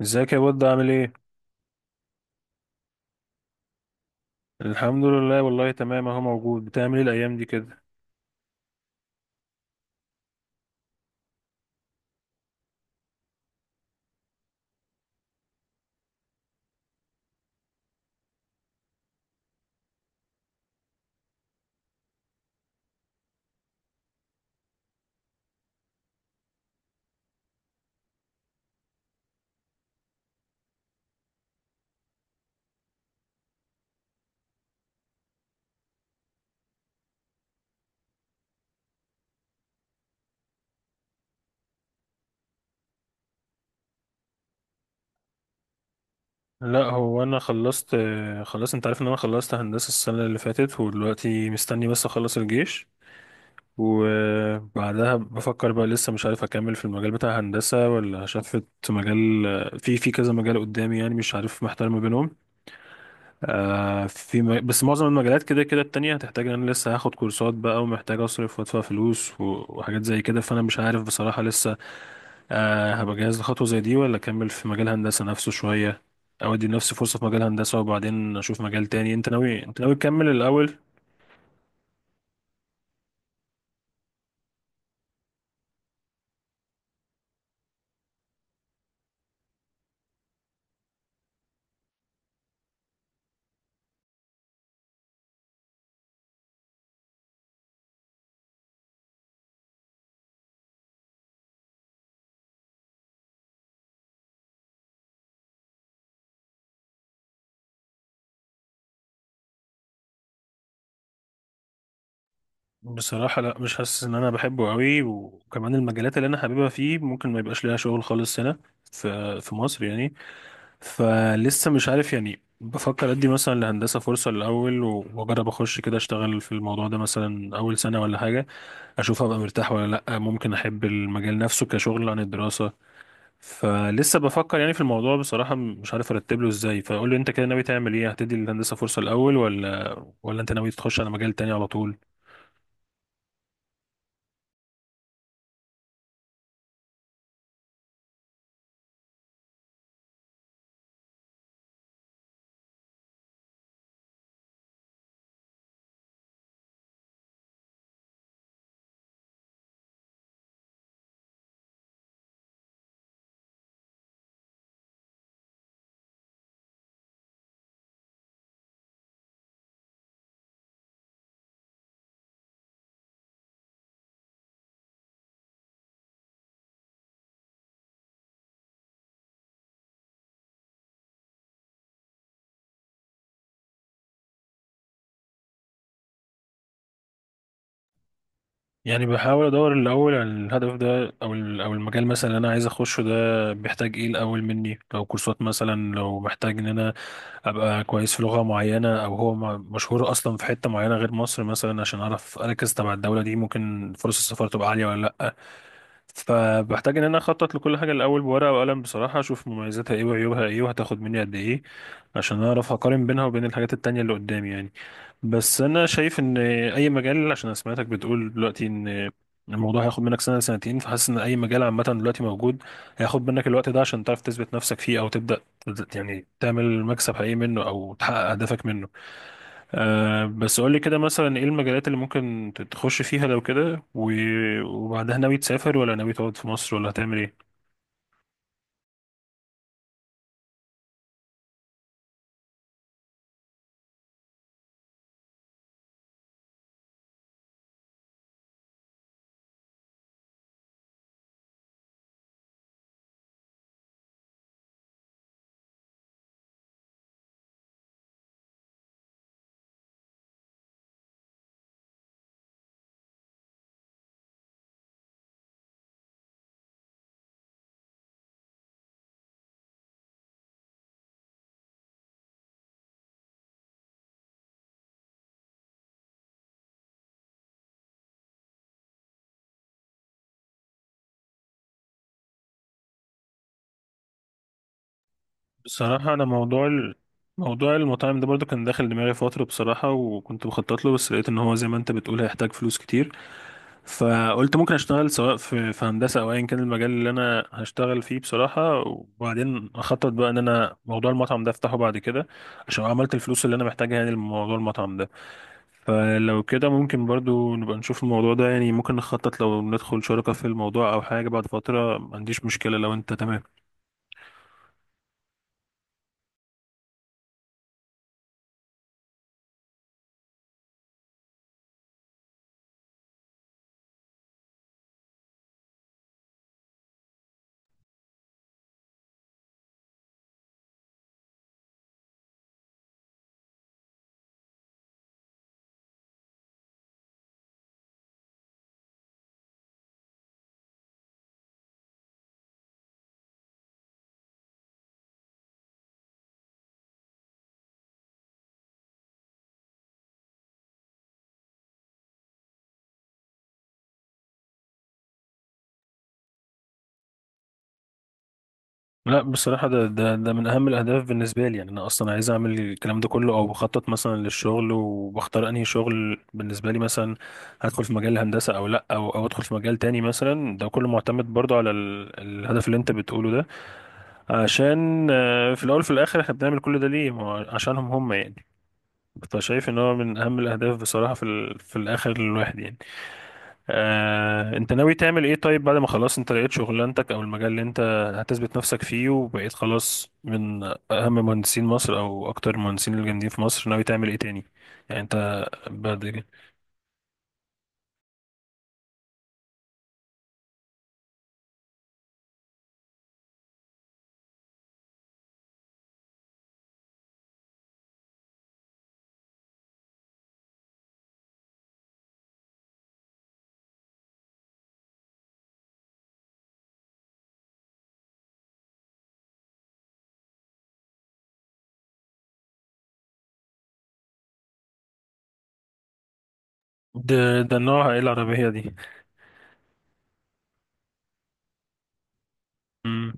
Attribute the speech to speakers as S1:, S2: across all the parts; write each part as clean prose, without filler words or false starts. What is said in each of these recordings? S1: ازيك يا بود، عامل ايه؟ الحمد لله، والله تمام اهو موجود. بتعمل ايه الايام دي كده؟ لا، هو انا خلصت، خلاص انت عارف ان انا خلصت هندسة السنة اللي فاتت، ودلوقتي مستني بس اخلص الجيش، وبعدها بفكر بقى. لسه مش عارف اكمل في المجال بتاع هندسة ولا شفت مجال، في كذا مجال قدامي، يعني مش عارف، محتار ما بينهم. بس معظم المجالات كده كده التانية هتحتاج ان انا لسه هاخد كورسات بقى، ومحتاج اصرف وادفع فلوس وحاجات زي كده، فانا مش عارف بصراحة لسه هبقى جاهز لخطوة زي دي، ولا أكمل في مجال هندسة نفسه شوية، أو أدي لنفسي فرصة في مجال هندسة وبعدين أشوف مجال تاني. أنت ناوي تكمل الأول؟ بصراحة لا، مش حاسس إن أنا بحبه أوي، وكمان المجالات اللي أنا حاببها فيه ممكن ما يبقاش ليها شغل خالص هنا في مصر يعني. فلسه مش عارف، يعني بفكر أدي مثلا لهندسة فرصة الأول وأجرب أخش كده، أشتغل في الموضوع ده مثلا أول سنة ولا حاجة، أشوف هبقى مرتاح ولا لأ. ممكن أحب المجال نفسه كشغل عن الدراسة، فلسه بفكر يعني في الموضوع بصراحة، مش عارف ارتب له ازاي. فقول لي انت كده، ناوي تعمل ايه؟ هتدي الهندسة فرصة الاول، ولا انت ناوي تخش على مجال تاني على طول؟ يعني بحاول ادور الاول على الهدف ده، او او المجال مثلا اللي انا عايز اخشه ده بيحتاج ايه الاول مني. لو كورسات مثلا، لو محتاج ان انا ابقى كويس في لغة معينة، او هو مشهور اصلا في حتة معينة غير مصر مثلا، عشان اعرف اركز تبع الدولة دي، ممكن فرص السفر تبقى عالية ولا لا. فبحتاج ان انا اخطط لكل حاجه الاول بورقه وقلم بصراحه، اشوف مميزاتها ايه وعيوبها ايه وهتاخد مني قد ايه، عشان اعرف اقارن بينها وبين الحاجات التانية اللي قدامي يعني. بس انا شايف ان اي مجال، عشان أنا سمعتك بتقول دلوقتي ان الموضوع هياخد منك سنه سنتين، فحاسس ان اي مجال عامه دلوقتي موجود هياخد منك الوقت ده عشان تعرف تثبت نفسك فيه، او تبدا يعني تعمل مكسب حقيقي منه او تحقق اهدافك منه. أه بس قول لي كده مثلا، ايه المجالات اللي ممكن تخش فيها لو كده، وبعدها ناوي تسافر ولا ناوي تقعد في مصر ولا هتعمل ايه؟ بصراحة انا موضوع موضوع المطاعم ده برضو كان داخل دماغي فترة بصراحة، وكنت بخطط له، بس لقيت ان هو زي ما انت بتقول هيحتاج فلوس كتير. فقلت ممكن اشتغل سواء في هندسة او ايا كان المجال اللي انا هشتغل فيه بصراحة، وبعدين اخطط بقى ان انا موضوع المطعم ده افتحه بعد كده عشان عملت الفلوس اللي انا محتاجها يعني لموضوع المطعم ده. فلو كده ممكن برضو نبقى نشوف الموضوع ده، يعني ممكن نخطط لو ندخل شركة في الموضوع أو حاجة بعد فترة، ما عنديش مشكلة لو أنت تمام. لا بصراحة، ده من أهم الأهداف بالنسبة لي. يعني أنا أصلا عايز أعمل الكلام ده كله، أو بخطط مثلا للشغل وبختار أنهي شغل بالنسبة لي مثلا، هدخل في مجال الهندسة أو لأ، أو أدخل في مجال تاني مثلا، ده كله معتمد برضو على الهدف اللي أنت بتقوله ده. عشان في الأول في الآخر إحنا بنعمل كل ده ليه؟ ما هو عشانهم هم يعني. فشايف ان هو من اهم الاهداف بصراحه في الاخر للواحد يعني. انت ناوي تعمل ايه طيب، بعد ما خلاص انت لقيت شغلانتك او المجال اللي انت هتثبت نفسك فيه، وبقيت خلاص من اهم مهندسين مصر او اكتر المهندسين الجامدين في مصر، ناوي تعمل ايه تاني يعني انت بعد؟ ده نوعها ايه العربيه دي؟ مم.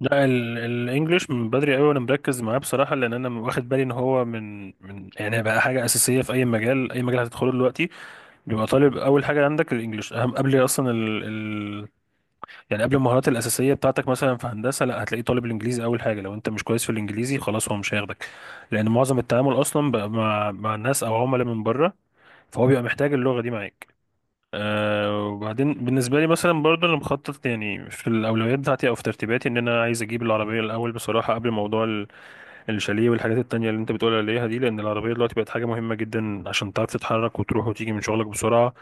S1: لا، الانجليش من بدري قوي وانا مركز معاه بصراحه، لان انا واخد بالي ان هو من يعني بقى حاجه اساسيه في اي مجال. اي مجال هتدخله دلوقتي بيبقى طالب اول حاجه عندك الانجليش اهم، قبل اصلا يعني قبل المهارات الاساسيه بتاعتك. مثلا في هندسه، لا هتلاقيه طالب الانجليزي اول حاجه، لو انت مش كويس في الانجليزي خلاص هو مش هياخدك، لان معظم التعامل اصلا بقى مع الناس او عملاء من بره، فهو بيبقى محتاج اللغه دي معاك. أه وبعدين بالنسبه لي مثلا برضه، انا مخطط يعني في الاولويات بتاعتي او في ترتيباتي ان انا عايز اجيب العربيه الاول بصراحه، قبل موضوع الشاليه والحاجات التانيه اللي انت بتقول عليها دي، لان العربيه دلوقتي بقت حاجه مهمه جدا، عشان تعرف تتحرك وتروح وتيجي من شغلك بسرعه،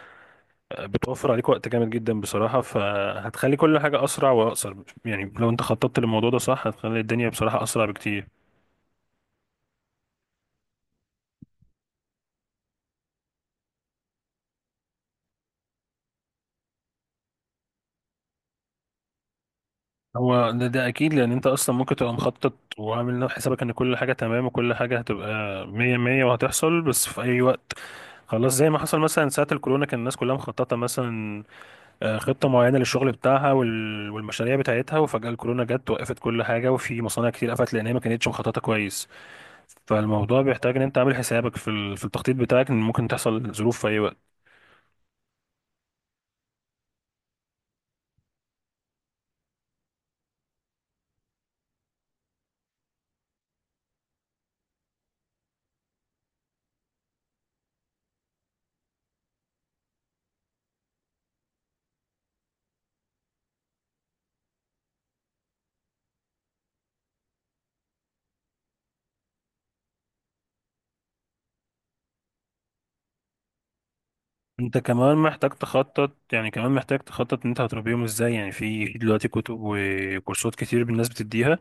S1: بتوفر عليك وقت جامد جدا بصراحة، فهتخلي كل حاجة أسرع وأقصر. يعني لو أنت خططت للموضوع ده صح، هتخلي الدنيا بصراحة أسرع بكتير. هو ده، أكيد لأن أنت أصلا ممكن تبقى مخطط وعامل حسابك إن كل حاجة تمام وكل حاجة هتبقى مية مية وهتحصل، بس في أي وقت خلاص. زي ما حصل مثلا ساعة الكورونا، كان الناس كلها مخططة مثلا، خطة معينة للشغل بتاعها والمشاريع بتاعتها، وفجأة الكورونا جت وقفت كل حاجة، وفي مصانع كتير قفلت لأن هي ما كانتش مخططة كويس. فالموضوع بيحتاج ان انت عامل حسابك في التخطيط بتاعك ان ممكن تحصل ظروف في اي وقت. انت كمان محتاج تخطط، يعني كمان محتاج تخطط ان انت هتربيهم ازاي. يعني في دلوقتي كتب وكورسات كتير الناس بتديها،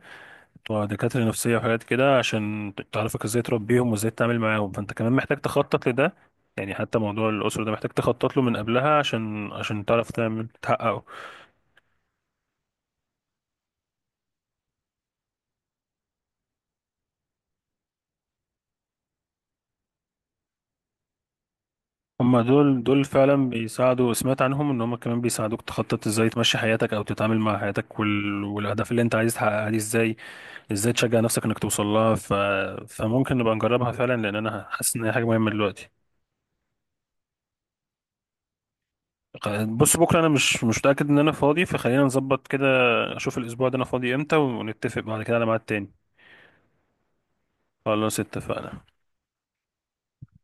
S1: بتوع دكاترة نفسية وحاجات كده، عشان تعرفك ازاي تربيهم وازاي تتعامل معاهم، فانت كمان محتاج تخطط لده. يعني حتى موضوع الأسرة ده محتاج تخطط له من قبلها، عشان تعرف تعمل تحققه. هما دول فعلا بيساعدوا، سمعت عنهم ان هما كمان بيساعدوك تخطط ازاي تمشي حياتك او تتعامل مع حياتك، والاهداف اللي انت عايز تحققها دي ازاي، ازاي تشجع نفسك انك توصل لها. فممكن نبقى نجربها فعلا، لان انا حاسس ان هي حاجه مهمه دلوقتي. بص بكره انا مش متاكد ان انا فاضي، فخلينا نظبط كده، اشوف الاسبوع ده انا فاضي امتى، ونتفق بعد كده على ميعاد تاني. خلاص اتفقنا.